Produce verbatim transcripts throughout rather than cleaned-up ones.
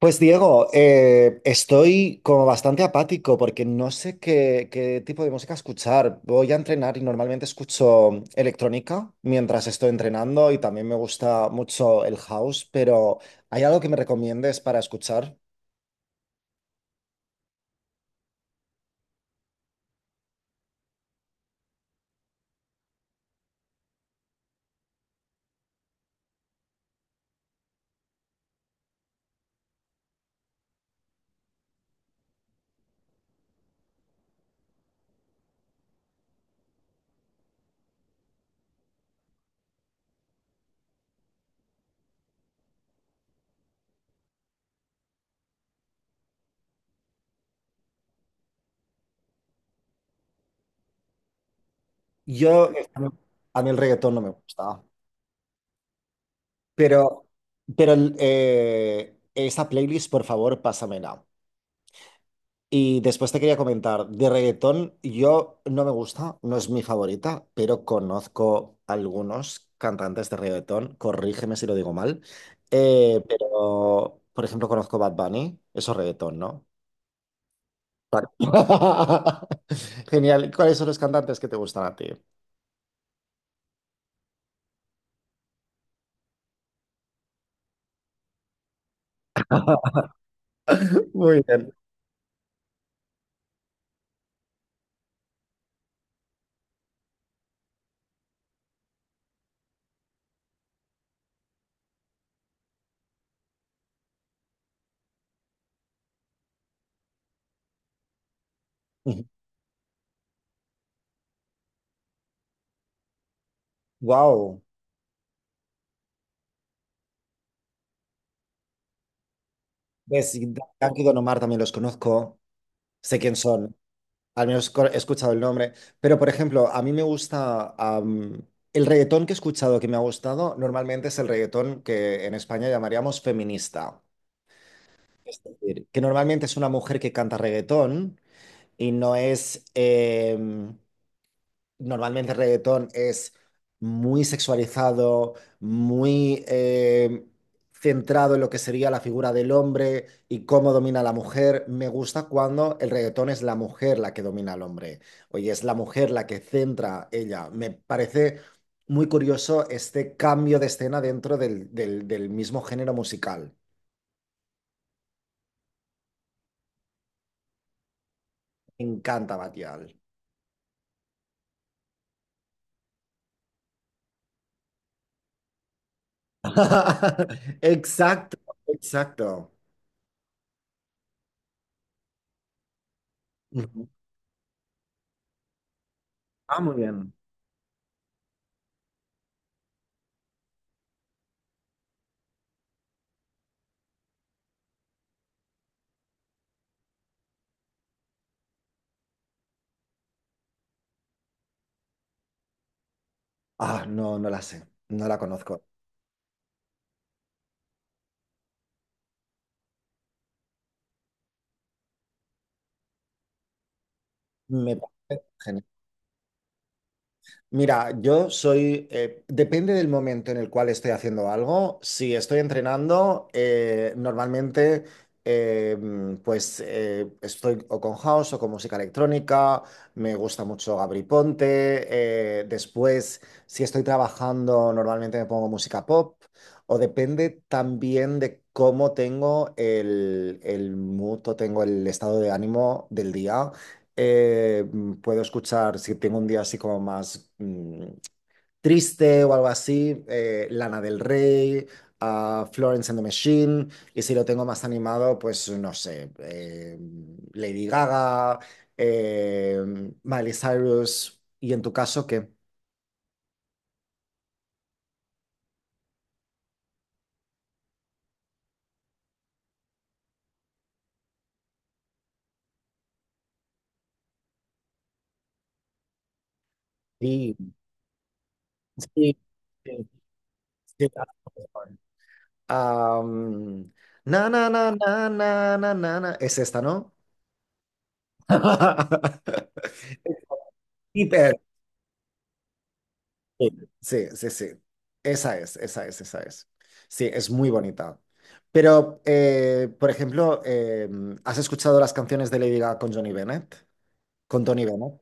Pues Diego, eh, estoy como bastante apático porque no sé qué, qué tipo de música escuchar. Voy a entrenar y normalmente escucho electrónica mientras estoy entrenando y también me gusta mucho el house, pero ¿hay algo que me recomiendes para escuchar? Yo, a mí el reggaetón no me gusta, pero, pero el, eh, esa playlist, por favor, pásamela. Y después te quería comentar, de reggaetón yo no me gusta, no es mi favorita, pero conozco algunos cantantes de reggaetón, corrígeme si lo digo mal, eh, pero por ejemplo conozco Bad Bunny, eso es reggaetón, ¿no? Vale. Genial, ¿cuáles son los cantantes que te gustan a ti? Muy bien. Wow. Ves, Dankid y Don Omar también los conozco, sé quién son. Al menos co- he escuchado el nombre. Pero, por ejemplo, a mí me gusta... am, el reggaetón que he escuchado que me ha gustado normalmente es el reggaetón que en España llamaríamos feminista. Es decir, que normalmente es una mujer que canta reggaetón y no es... em, normalmente el reggaetón es muy sexualizado, muy eh, centrado en lo que sería la figura del hombre y cómo domina a la mujer. Me gusta cuando el reggaetón es la mujer la que domina al hombre. Oye, es la mujer la que centra ella. Me parece muy curioso este cambio de escena dentro del, del- del mismo género musical. Me encanta Batial. Exacto, exacto. Ujú. Ah, muy bien. Ah, no, no la sé, no la conozco. Me parece genial. Mira, yo soy, eh, depende del momento en el cual estoy haciendo algo. Si estoy entrenando, eh, normalmente eh, mm, pues eh, estoy o con house o con música electrónica. Me gusta mucho Gabri Ponte. Eh, después, si estoy trabajando, normalmente me pongo música pop. O depende también de cómo tengo el, el mood o tengo el estado de ánimo del día. Eh, mm, puedo escuchar, si tengo un día así como más mm, triste o algo así, eh, Lana del Rey, a Florence and the Machine, y si lo tengo más animado, pues no sé, eh, Lady Gaga, eh, Miley Cyrus, y en tu caso, ¿qué? Sí, sí, sí, sí, claro. Am, Na, na, na, na, na, na, na, na. Es esta, ¿no? Hiper. Sí, sí, sí. Sí. Esa es, esa es, esa es. Sí, es muy bonita. Pero, eh, por ejemplo, eh, ¿has escuchado las canciones de Lady Gaga con Johnny Bennett? Con Tony Bennett.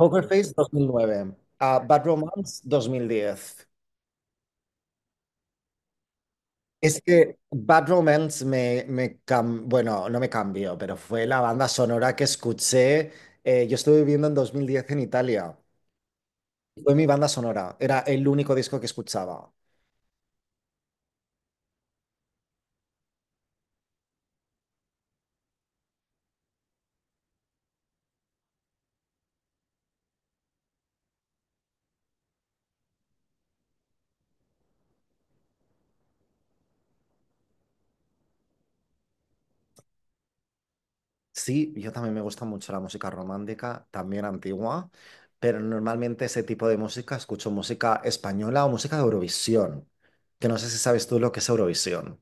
Poker Face dos mil nueve, ah, Bad Romance dos mil diez. Es que Bad Romance me, me cam- bueno, no me cambió, pero fue la banda sonora que escuché. Eh, yo estuve viviendo en dos mil diez en Italia. Fue mi banda sonora. Era el único disco que escuchaba. Sí, yo también me gusta mucho la música romántica, también antigua, pero normalmente ese tipo de música escucho música española o música de Eurovisión, que no sé si sabes tú lo que es Eurovisión.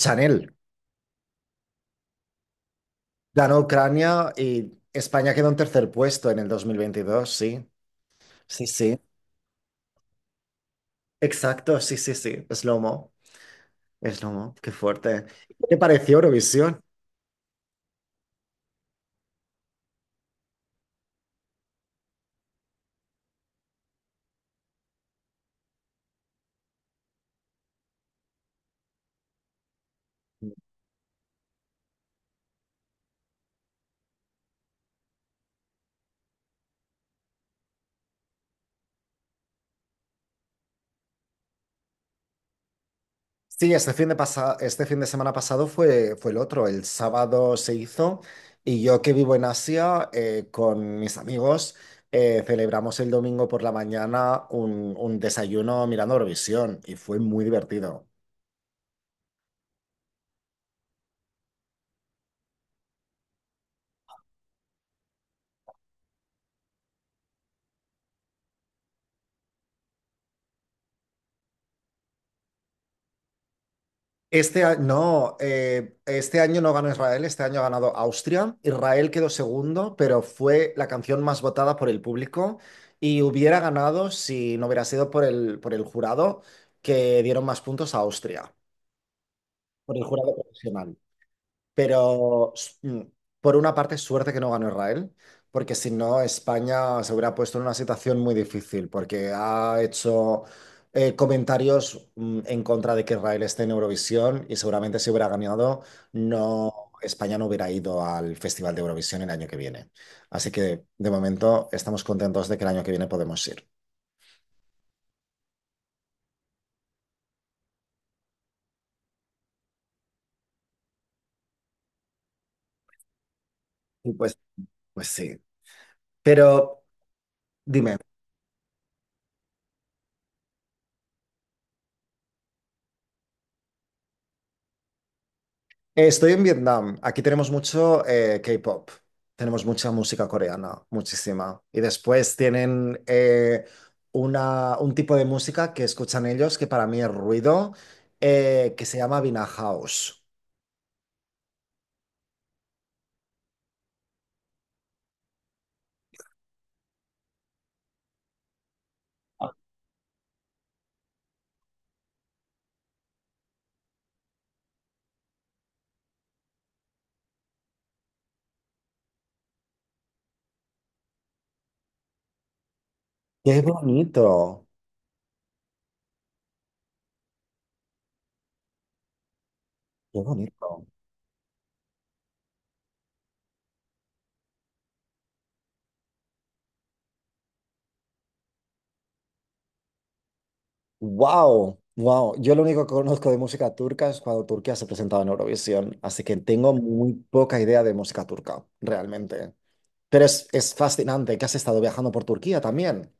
Chanel ganó Ucrania y España quedó en tercer puesto en el dos mil veintidós. Sí, sí, sí, exacto, sí, sí, sí, es Lomo, es Lomo, qué fuerte. ¿Qué te pareció Eurovisión? Sí, este fin de pasa- este fin de semana pasado fue, fue el otro. El sábado se hizo y yo que vivo en Asia eh, con mis amigos eh, celebramos el domingo por la mañana un, un desayuno mirando Eurovisión y fue muy divertido. Este año, no, eh, este año no ganó Israel, este año ha ganado Austria. Israel quedó segundo, pero fue la canción más votada por el público y hubiera ganado si no hubiera sido por el, por el jurado que dieron más puntos a Austria. Por el jurado profesional. Pero s- mm, por una parte, suerte que no ganó Israel, porque si no, España se hubiera puesto en una situación muy difícil, porque ha hecho eh, comentarios mm, en contra de que Israel esté en Eurovisión y seguramente si hubiera ganado, no, España no hubiera ido al Festival de Eurovisión el año que viene. Así que de momento estamos contentos de que el año que viene podemos ir. Y pues, pues sí. Pero dime. Eh, Estoy en Vietnam. Aquí tenemos mucho eh, K-pop. Tenemos mucha música coreana, muchísima. Y después tienen eh, una, un tipo de música que escuchan ellos, que para mí es ruido, eh, que se llama Vina House. ¡Qué bonito! ¡Qué bonito! ¡Wow! ¡Wow! Yo lo único que conozco de música turca es cuando Turquía se presentaba en Eurovisión, así que tengo muy poca idea de música turca, realmente. Pero es, es fascinante que has estado viajando por Turquía también.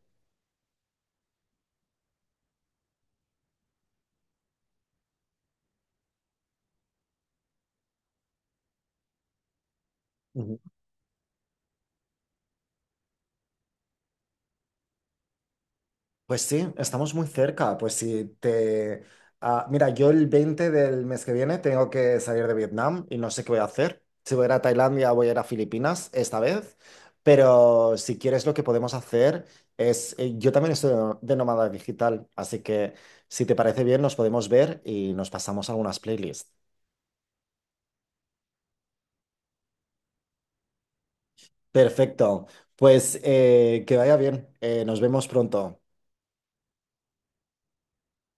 Pues sí, estamos muy cerca. Pues si te... ah, mira, yo el veinte del mes que viene tengo que salir de Vietnam y no sé qué voy a hacer. Si voy a ir a Tailandia, voy a ir a Filipinas esta vez. Pero si quieres, lo que podemos hacer es... eh, Yo también estoy de de nómada digital, así que si te parece bien, nos podemos ver y nos pasamos algunas playlists. Perfecto. Pues eh, que vaya bien. Eh, nos vemos pronto.